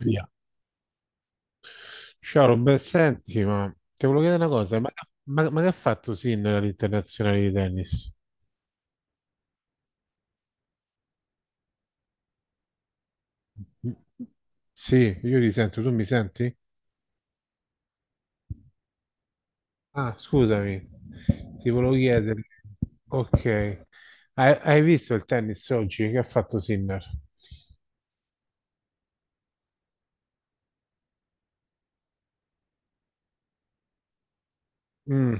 Via. Ciao Robert, senti, ma ti volevo chiedere una cosa, ma che ha fatto Sinner all'internazionale di tennis? Sì, io ti sento, tu mi senti? Ah, scusami, ti volevo chiedere, ok, hai visto il tennis oggi che ha fatto Sinner? Mm.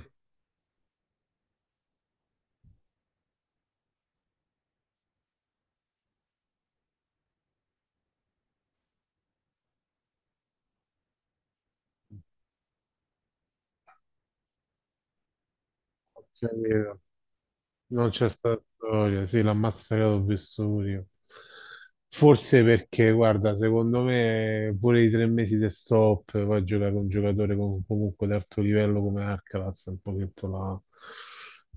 Capito. Non c'è stata storia, sì, l'ha massacrato, ho visto pure io. Forse perché, guarda, secondo me pure i 3 mesi di stop, poi giocare con un giocatore comunque di alto livello come Alcaraz, è un pochetto la.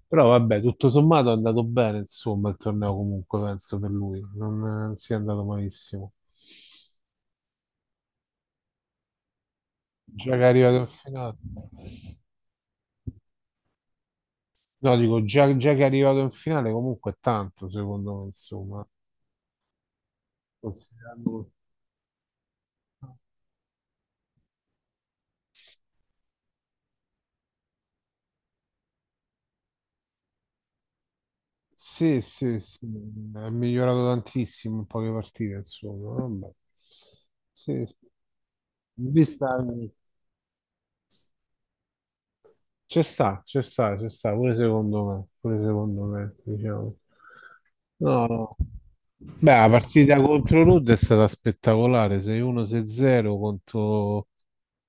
Però vabbè, tutto sommato è andato bene, insomma, il torneo comunque, penso, per lui. Non sia andato malissimo. Già che è arrivato in finale. No, dico, già che è arrivato in finale comunque è tanto, secondo me, insomma. Considerando. Sì, sì, sì, è migliorato tantissimo in poche partite, insomma. Vabbè. Sì, sì. Vista. Ci sta, ci sta, ci sta, pure secondo me, diciamo. No, no. Beh, la partita contro Nud è stata spettacolare, 6-1-6-0 contro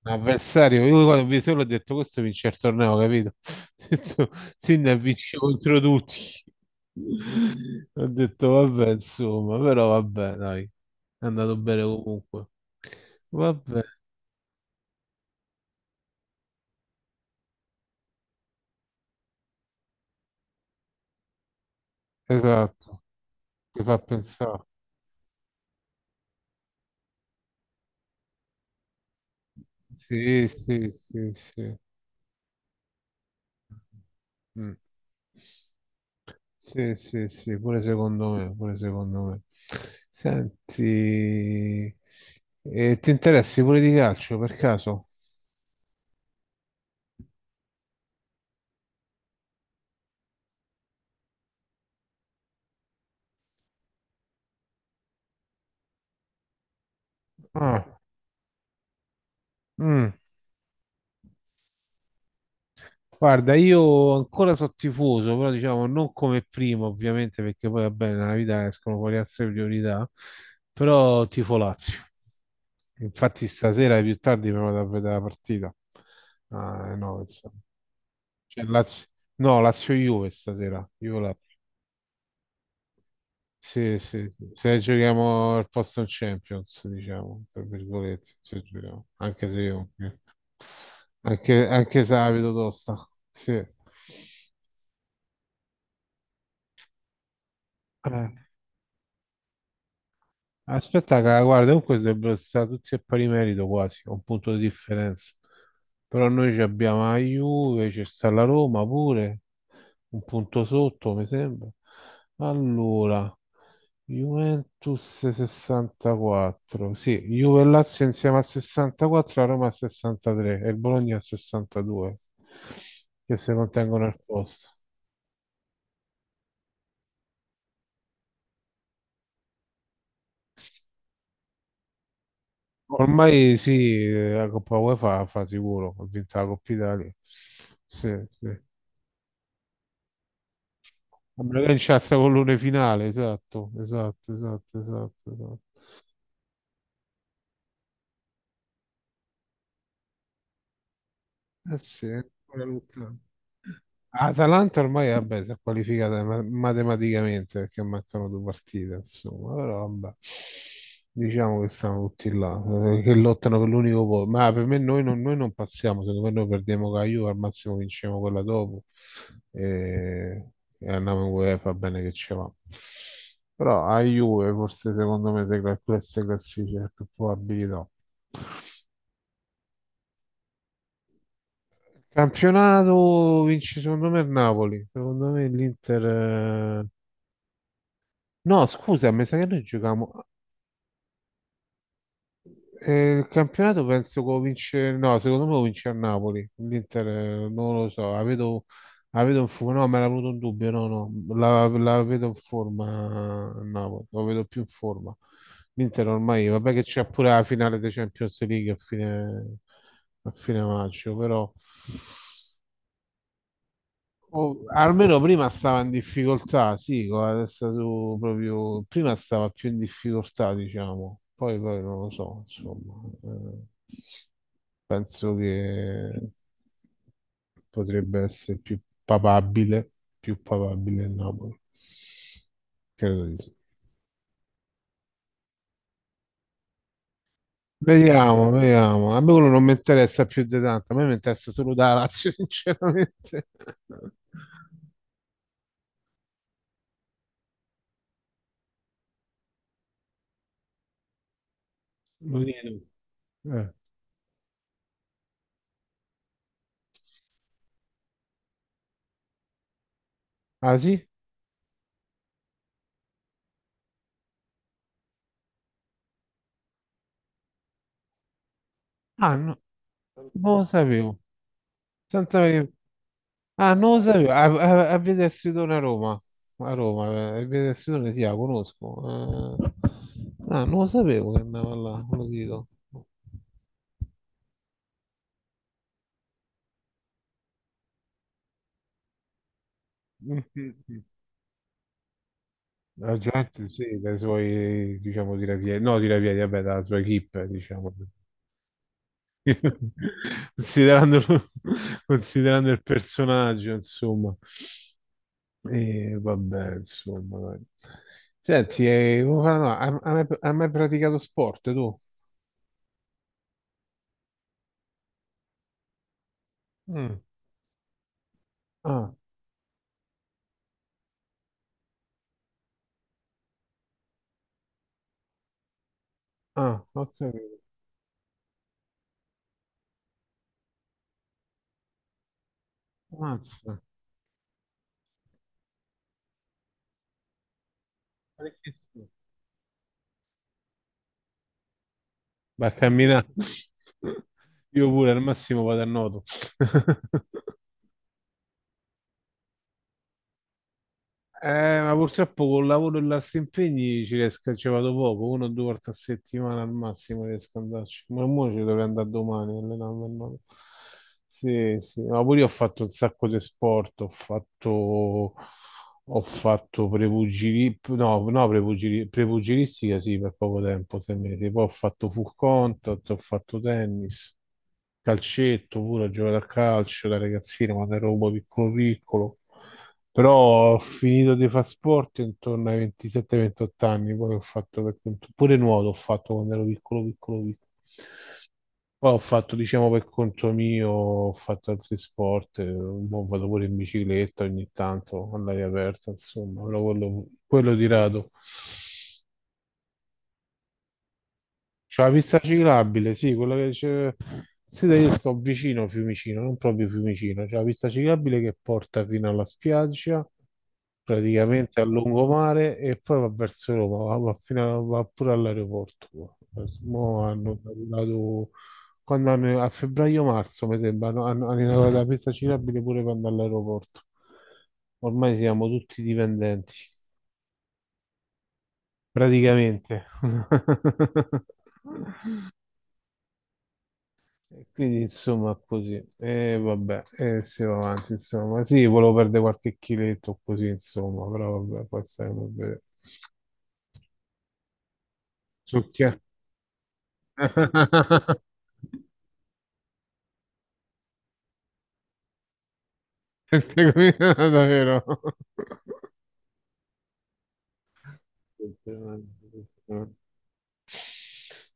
un avversario. Io quando ho visto l'ho detto, questo vince il torneo, capito? Ho detto, Sinner vince contro tutti. Ho detto, vabbè, insomma, però vabbè, dai, è andato bene comunque. Vabbè, esatto, ti fa pensare. Sì, sì, sì, sì. Mm. Sì, sì, sì, pure secondo me, pure secondo me. Senti, ti interessi pure di calcio per caso? Ah, mm. Guarda, io ancora sono tifoso, però diciamo non come prima, ovviamente, perché poi va bene, nella vita escono fuori altre priorità, però tifo Lazio. Infatti stasera più tardi mi vado a vedere la partita. Ah, no, insomma. C'è Lazio. No, Lazio-Juve stasera. Juve. Sì, sì, sì. Se giochiamo al posto in Champions, diciamo, tra virgolette, se giochiamo. Anche se io, anche se la vedo tosta. Sì. Eh. Aspetta, cara, guarda, comunque dovrebbero stare tutti a pari merito quasi, a un punto di differenza. Però noi ci abbiamo la Juve, c'è sta la Roma pure, un punto sotto, mi sembra. Allora, Juventus 64, sì, Juve e Lazio insieme a 64, la Roma a 63 e il Bologna a 62, che si mantengono al posto. Ormai sì, la Coppa UEFA fa sicuro, ha vinto la Coppa Italia. Sì, sì. Sembra che in c'è il pallone finale, esatto, esatto, esatto, esatto, esatto. Eh sì, pure Lucca. Atalanta ormai vabbè, si è qualificata matematicamente perché mancano 2 partite, insomma, però vabbè, diciamo che stanno tutti là, che lottano per l'unico posto. Ma per me noi non passiamo, secondo me noi perdiamo con la Juve, al massimo vinciamo quella dopo e, e andiamo in UEFA, bene che ci va. Però a Juve forse secondo me se queste classifiche più probabilità. Campionato vince secondo me il Napoli, secondo me l'Inter. eh, No, scusa, mi sa che noi giochiamo. Il campionato penso che lo vince. No, secondo me lo vince a Napoli, l'Inter non lo so, la vedo in forma, no, me l'ha avuto un dubbio, no, no, la vedo in forma a Napoli, lo vedo più in forma. L'Inter ormai, vabbè che c'è pure la finale dei Champions League a fine, maggio, però. Oh, almeno prima stava in difficoltà, sì, con la testa su proprio, prima stava più in difficoltà, diciamo, poi non lo so, insomma, penso che potrebbe essere papabile, più papabile il Napoli, credo di sì. Vediamo, vediamo, a me quello non mi interessa più di tanto, a me mi interessa solo da Lazio, sinceramente. Lo dico. Eh. Ah sì? Ah no. Non lo sapevo. Santa Maria. Ah, non lo sapevo. A Via del Stridone a Roma. A Roma, a Via del Stridone, sì, la conosco. Ah, non lo sapevo che andava là, ve lo dico. Mm, mm, mm. La gente, sì, dai suoi, diciamo, tirapiedi, no, tirapiedi, vabbè, dalla sua equip, diciamo. Considerando, considerando il personaggio, insomma. E vabbè, insomma, dai. Senti, no, hai mai praticato sport tu? Mm. Ah, ah, ho capito. Mazza. Parecchi sport. Vai a camminare. Io pure al massimo vado a nuoto. Ma purtroppo col lavoro e gli altri impegni ci riesco, ci vado poco, una o due volte a settimana al massimo riesco ad andarci. Ma mo ci dovrei andare domani, allenarmi, no? Sì, sì, ma pure io ho fatto un sacco di sport, ho fatto no, no, prepugilistica sì, per poco tempo, 6 mesi, poi ho fatto full contact, ho fatto tennis, calcetto pure, ho giocato a calcio da ragazzino quando ero un po' piccolo piccolo. Però ho finito di fare sport intorno ai 27-28 anni, poi ho fatto per conto, pure nuoto ho fatto quando ero piccolo, piccolo, piccolo. Poi ho fatto, diciamo, per conto mio, ho fatto altri sport, mo vado pure in bicicletta ogni tanto, all'aria aperta, insomma, però quello di rado. C'è la pista ciclabile, sì, quella che c'è. Sì, dai, io sto vicino a Fiumicino, non proprio Fiumicino, c'è la pista ciclabile che porta fino alla spiaggia, praticamente a lungomare, e poi va verso Roma, va pure all'aeroporto. Mo hanno inaugurato- a febbraio-marzo, mi sembra, hanno inaugurato la pista ciclabile pure quando all'aeroporto. Ormai siamo tutti dipendenti, praticamente. E quindi insomma così, e vabbè, e si va avanti insomma, sì, volevo perdere qualche chiletto così insomma, però vabbè, poi staremo a vedere. Su che? Perché qui davvero?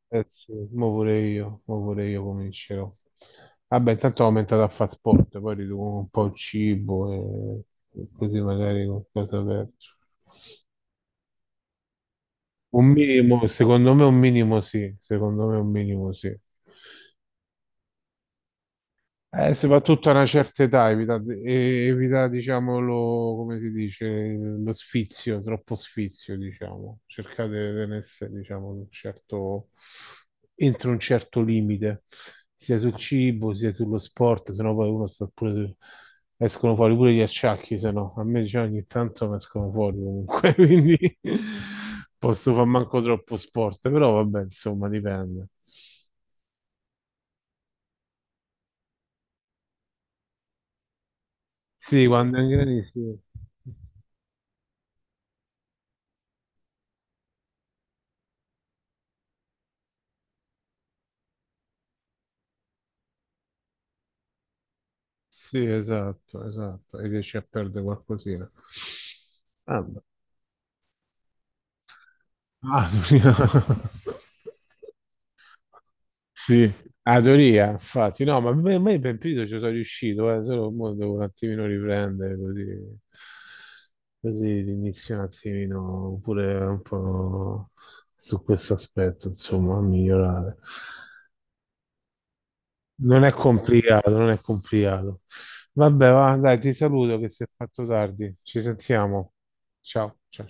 Eh sì, mo pure io comincerò. Vabbè, intanto ho aumentato a fare sport, poi riduco un po' il cibo e così magari qualcosa perdo. Un minimo, secondo me un minimo sì, secondo me un minimo sì. Soprattutto a una certa età, evita, evita, diciamo, lo, come si dice, lo sfizio, troppo sfizio, diciamo. Cercate di tenersi, diciamo, un certo, entro un certo limite, sia sul cibo, sia sullo sport, sennò poi uno sta pure, escono fuori pure gli acciacchi, se no, a me, diciamo, ogni tanto mi escono fuori comunque, quindi posso far manco troppo sport, però vabbè, insomma, dipende. Sì, quando è in grani, sì. Sì, esatto, esatto. E riesci a perdere qualcosina. Vabbè. Ah. Sì, Adoria, infatti, no, ma a me per periodo ci sono riuscito, solo mo devo un attimino riprendere così inizio un attimino pure un po' su questo aspetto, insomma, a migliorare. Non è complicato, non è complicato. Vabbè, va, dai, ti saluto che si è fatto tardi, ci sentiamo. Ciao, ciao.